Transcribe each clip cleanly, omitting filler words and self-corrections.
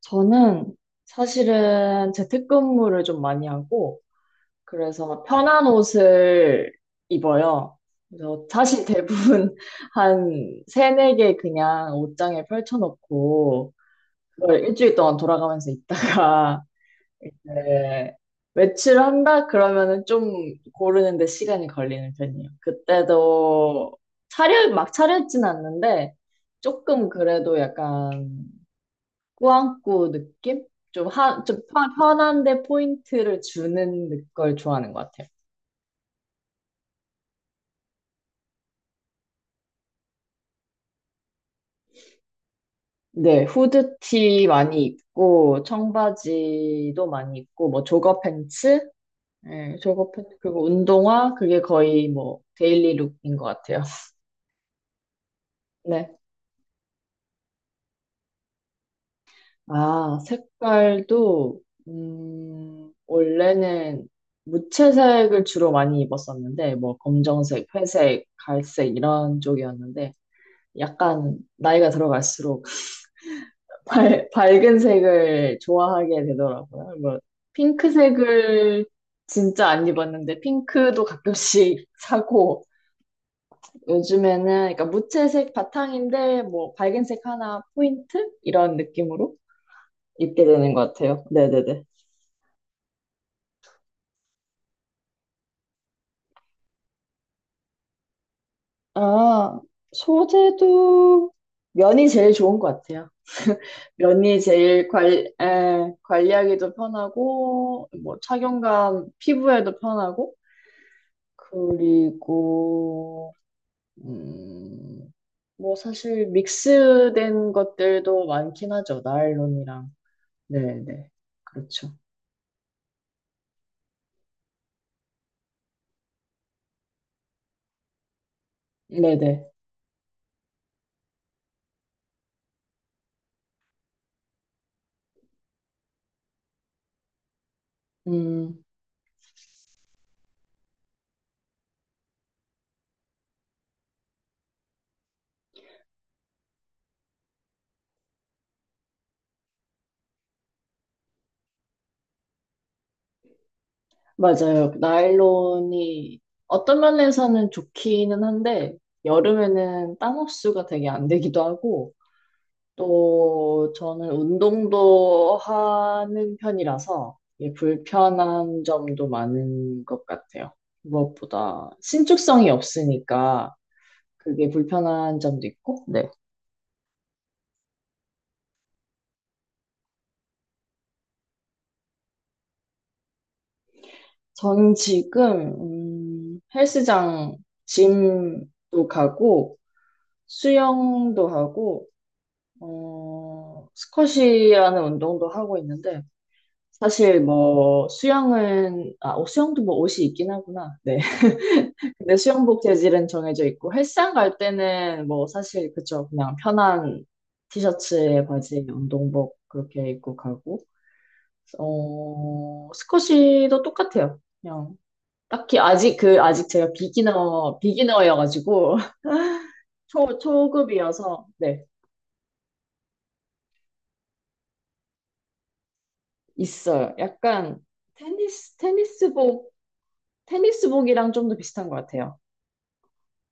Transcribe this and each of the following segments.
저는 사실은 재택근무를 좀 많이 하고, 그래서 편한 옷을 입어요. 그래서 사실 대부분 한 세네 개 그냥 옷장에 펼쳐놓고, 그걸 일주일 동안 돌아가면서 입다가, 네, 외출한다? 그러면은 좀 고르는데 시간이 걸리는 편이에요. 그때도 막 차려입진 않는데, 조금 그래도 약간 꾸안꾸 느낌? 좀, 하, 좀 편한데 포인트를 주는 걸 좋아하는 것 같아요. 네, 후드티 많이 입고, 청바지도 많이 입고, 뭐, 조거 팬츠? 네, 조거 팬츠, 그리고 운동화? 그게 거의 뭐, 데일리 룩인 것 같아요. 네. 아, 색깔도, 원래는 무채색을 주로 많이 입었었는데, 뭐, 검정색, 회색, 갈색, 이런 쪽이었는데, 약간 나이가 들어갈수록 밝은 색을 좋아하게 되더라고요. 뭐, 핑크색을 진짜 안 입었는데, 핑크도 가끔씩 사고, 요즘에는, 그러니까 무채색 바탕인데, 뭐, 밝은 색 하나 포인트? 이런 느낌으로 입게 되는 것 같아요. 네네네. 아, 소재도 면이 제일 좋은 것 같아요. 면이 제일 관, 관리하기도 편하고, 뭐, 착용감, 피부에도 편하고, 그리고, 음, 뭐 사실 믹스된 것들도 많긴 하죠. 나일론이랑. 네네. 그렇죠. 네네. 음, 맞아요. 나일론이 어떤 면에서는 좋기는 한데, 여름에는 땀 흡수가 되게 안 되기도 하고, 또 저는 운동도 하는 편이라서 이게 불편한 점도 많은 것 같아요. 무엇보다 신축성이 없으니까 그게 불편한 점도 있고, 네. 저는 지금, 헬스장, 짐도 가고, 수영도 하고, 스쿼시라는 운동도 하고 있는데, 사실 뭐, 수영도 뭐 옷이 있긴 하구나. 네. 근데 수영복 재질은 정해져 있고, 헬스장 갈 때는 뭐, 사실, 그쵸. 그냥 편한 티셔츠에 바지, 운동복 그렇게 입고 가고, 스쿼시도 똑같아요. 그냥 딱히 아직 제가 비기너여가지고 초 초급이어서 네 있어요. 약간 테니스 테니스복 테니스복이랑 좀 더 비슷한 것 같아요.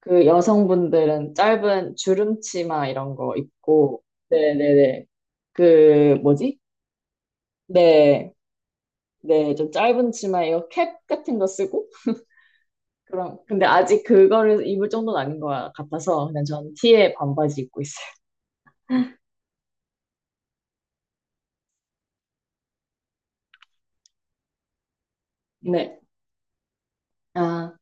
그 여성분들은 짧은 주름 치마 이런 거 입고 네네네 그 뭐지? 네. 네, 좀 짧은 치마 이거 캡 같은 거 쓰고 그럼 근데 아직 그거를 입을 정도는 아닌 것 같아서 그냥 전 티에 반바지 입고 있어요. 네. 아,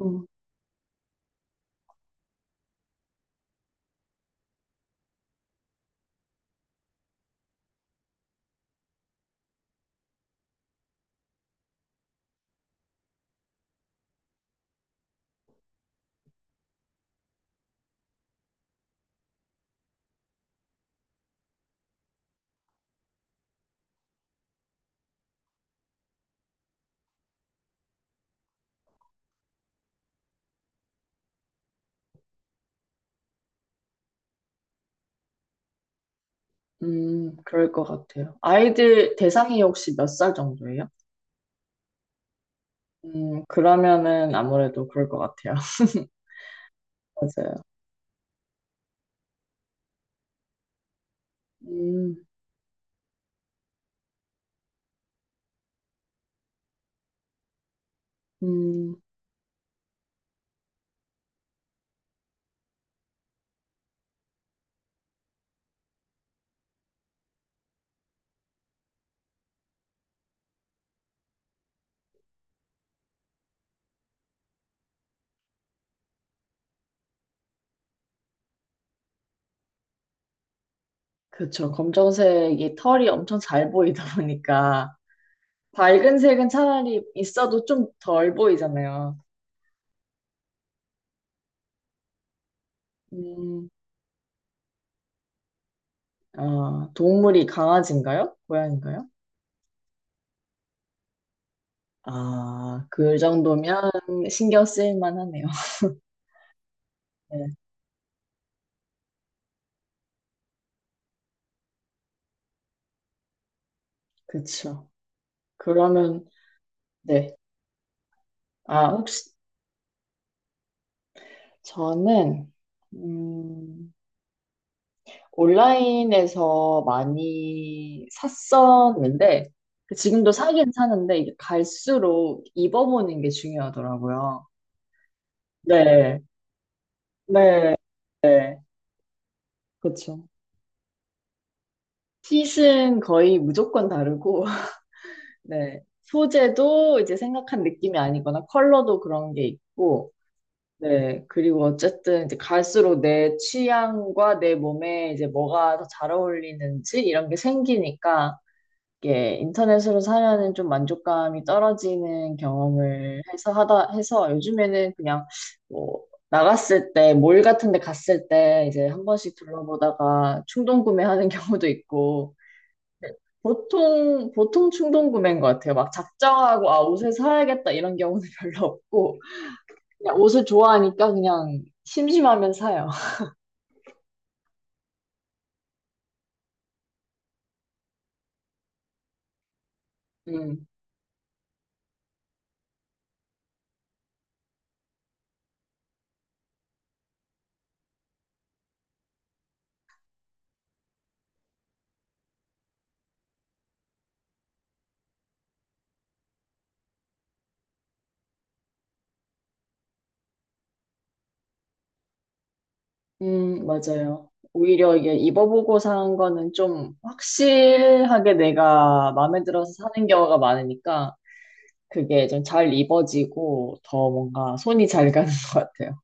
음. 그럴 것 같아요. 아이들 대상이 혹시 몇 살 정도예요? 그러면은 아무래도 그럴 것 같아요. 맞아요. 음, 음, 그쵸. 검정색이 털이 엄청 잘 보이다 보니까 밝은 색은 차라리 있어도 좀 덜 보이잖아요. 음, 아, 동물이 강아지인가요? 고양인가요 아, 그 정도면 신경 쓰일 만하네요. 네, 그쵸. 그러면, 네. 아, 혹시, 저는 음, 온라인에서 많이 샀었는데 그 지금도 사긴 사는데 이게 갈수록 입어보는 게 중요하더라고요. 네, 네, 네, 그렇죠. 핏은 거의 무조건 다르고 네, 소재도 이제 생각한 느낌이 아니거나 컬러도 그런 게 있고 네, 그리고 어쨌든 이제 갈수록 내 취향과 내 몸에 이제 뭐가 더 잘 어울리는지 이런 게 생기니까 게 인터넷으로 사면은 좀 만족감이 떨어지는 경험을 해서 요즘에는 그냥 뭐 나갔을 때 몰 같은 데 갔을 때 이제 한 번씩 둘러보다가 충동 구매하는 경우도 있고 보통 충동 구매인 것 같아요. 막 작정하고 아 옷을 사야겠다 이런 경우는 별로 없고 그냥 옷을 좋아하니까 그냥 심심하면 사요. 음. 맞아요. 오히려 이게 입어보고 산 거는 좀 확실하게 내가 마음에 들어서 사는 경우가 많으니까 그게 좀 잘 입어지고 더 뭔가 손이 잘 가는 것 같아요.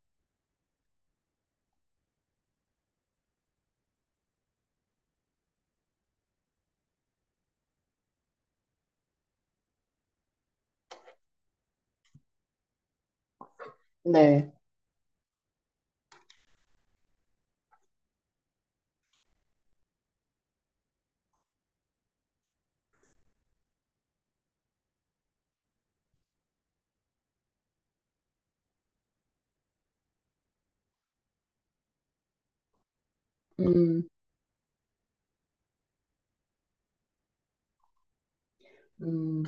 네. 음, 음,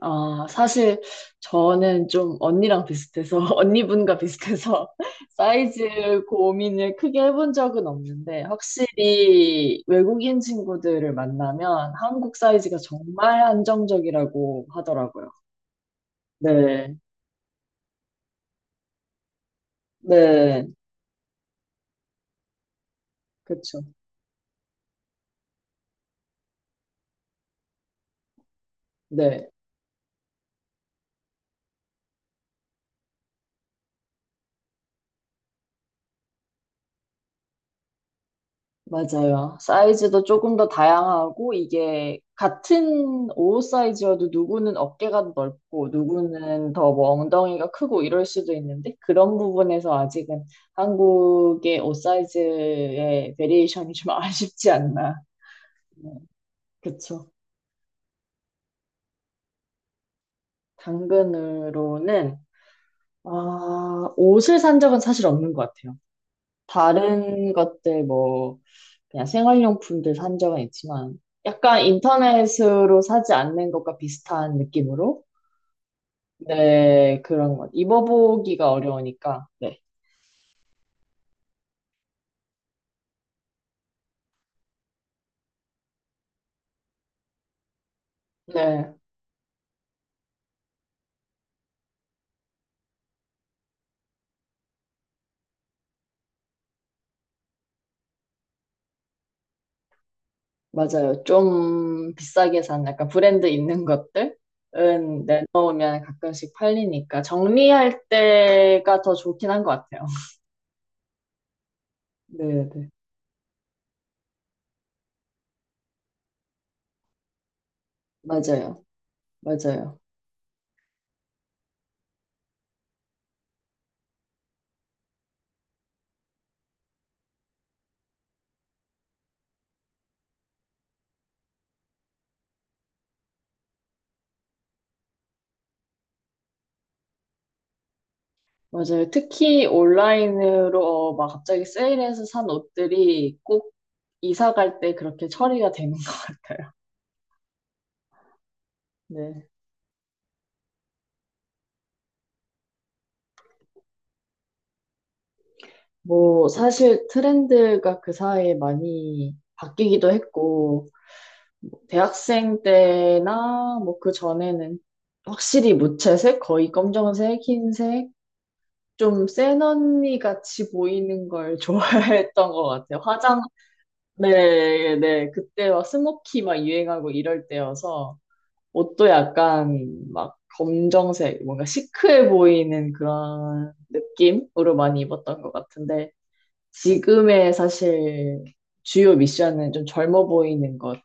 아, 사실 저는 좀 언니랑 비슷해서, 언니분과 비슷해서 사이즈 고민을 크게 해본 적은 없는데 확실히 외국인 친구들을 만나면 한국 사이즈가 정말 한정적이라고 하더라고요. 네, 네, 그쵸. 네, 맞아요. 사이즈도 조금 더 다양하고, 이게 같은 옷 사이즈여도 누구는 어깨가 넓고, 누구는 더 뭐 엉덩이가 크고 이럴 수도 있는데, 그런 부분에서 아직은 한국의 옷 사이즈의 베리에이션이 좀 아쉽지 않나. 네, 그쵸. 당근으로는, 아, 옷을 산 적은 사실 없는 것 같아요. 다른 것들 뭐, 그냥 생활용품들 산 적은 있지만 약간 인터넷으로 사지 않는 것과 비슷한 느낌으로 네 그런 것 입어보기가 어려우니까 네, 네 맞아요 좀 비싸게 산 약간 브랜드 있는 것들은 내놓으면 가끔씩 팔리니까 정리할 때가 더 좋긴 한 것 같아요 네네 맞아요, 맞아요, 맞아요. 특히 온라인으로 막 갑자기 세일해서 산 옷들이 꼭 이사 갈 때 그렇게 처리가 되는 것 같아요. 네. 뭐, 사실 트렌드가 그 사이에 많이 바뀌기도 했고, 대학생 때나 뭐 그 전에는 확실히 무채색, 거의 검정색, 흰색, 좀 센 언니 같이 보이는 걸 좋아했던 것 같아요. 화장, 네, 네. 그때 막 스모키 막 유행하고 이럴 때여서. 옷도 약간 막 검정색, 뭔가 시크해 보이는 그런 느낌으로 많이 입었던 것 같은데, 지금의 사실 주요 미션은 좀 젊어 보이는 것.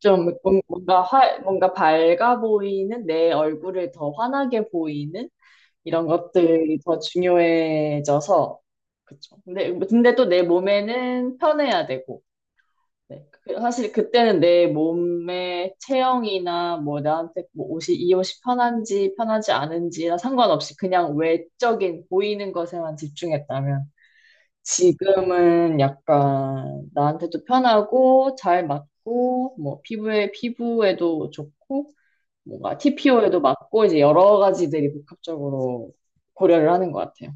좀 뭔가 밝아 보이는 내 얼굴을 더 환하게 보이는 이런 것들이 더 중요해져서, 그쵸. 근데 또 내 몸에는 편해야 되고, 네. 그- 사실 그때는 내 몸의 체형이나 뭐 나한테 옷이 편한지 편하지 않은지나 상관없이 그냥 외적인 보이는 것에만 집중했다면 지금은 약간 나한테도 편하고 잘 맞고 뭐 피부에도 좋고 뭔가 TPO에도 맞고 이제 여러 가지들이 복합적으로 고려를 하는 것 같아요.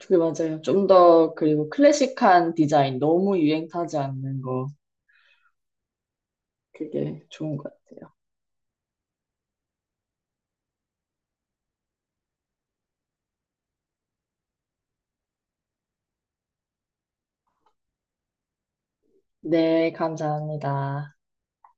그 맞아요. 좀 더 그리고 클래식한 디자인 너무 유행 타지 않는 거 그게 좋은 것 같아요. 네, 감사합니다.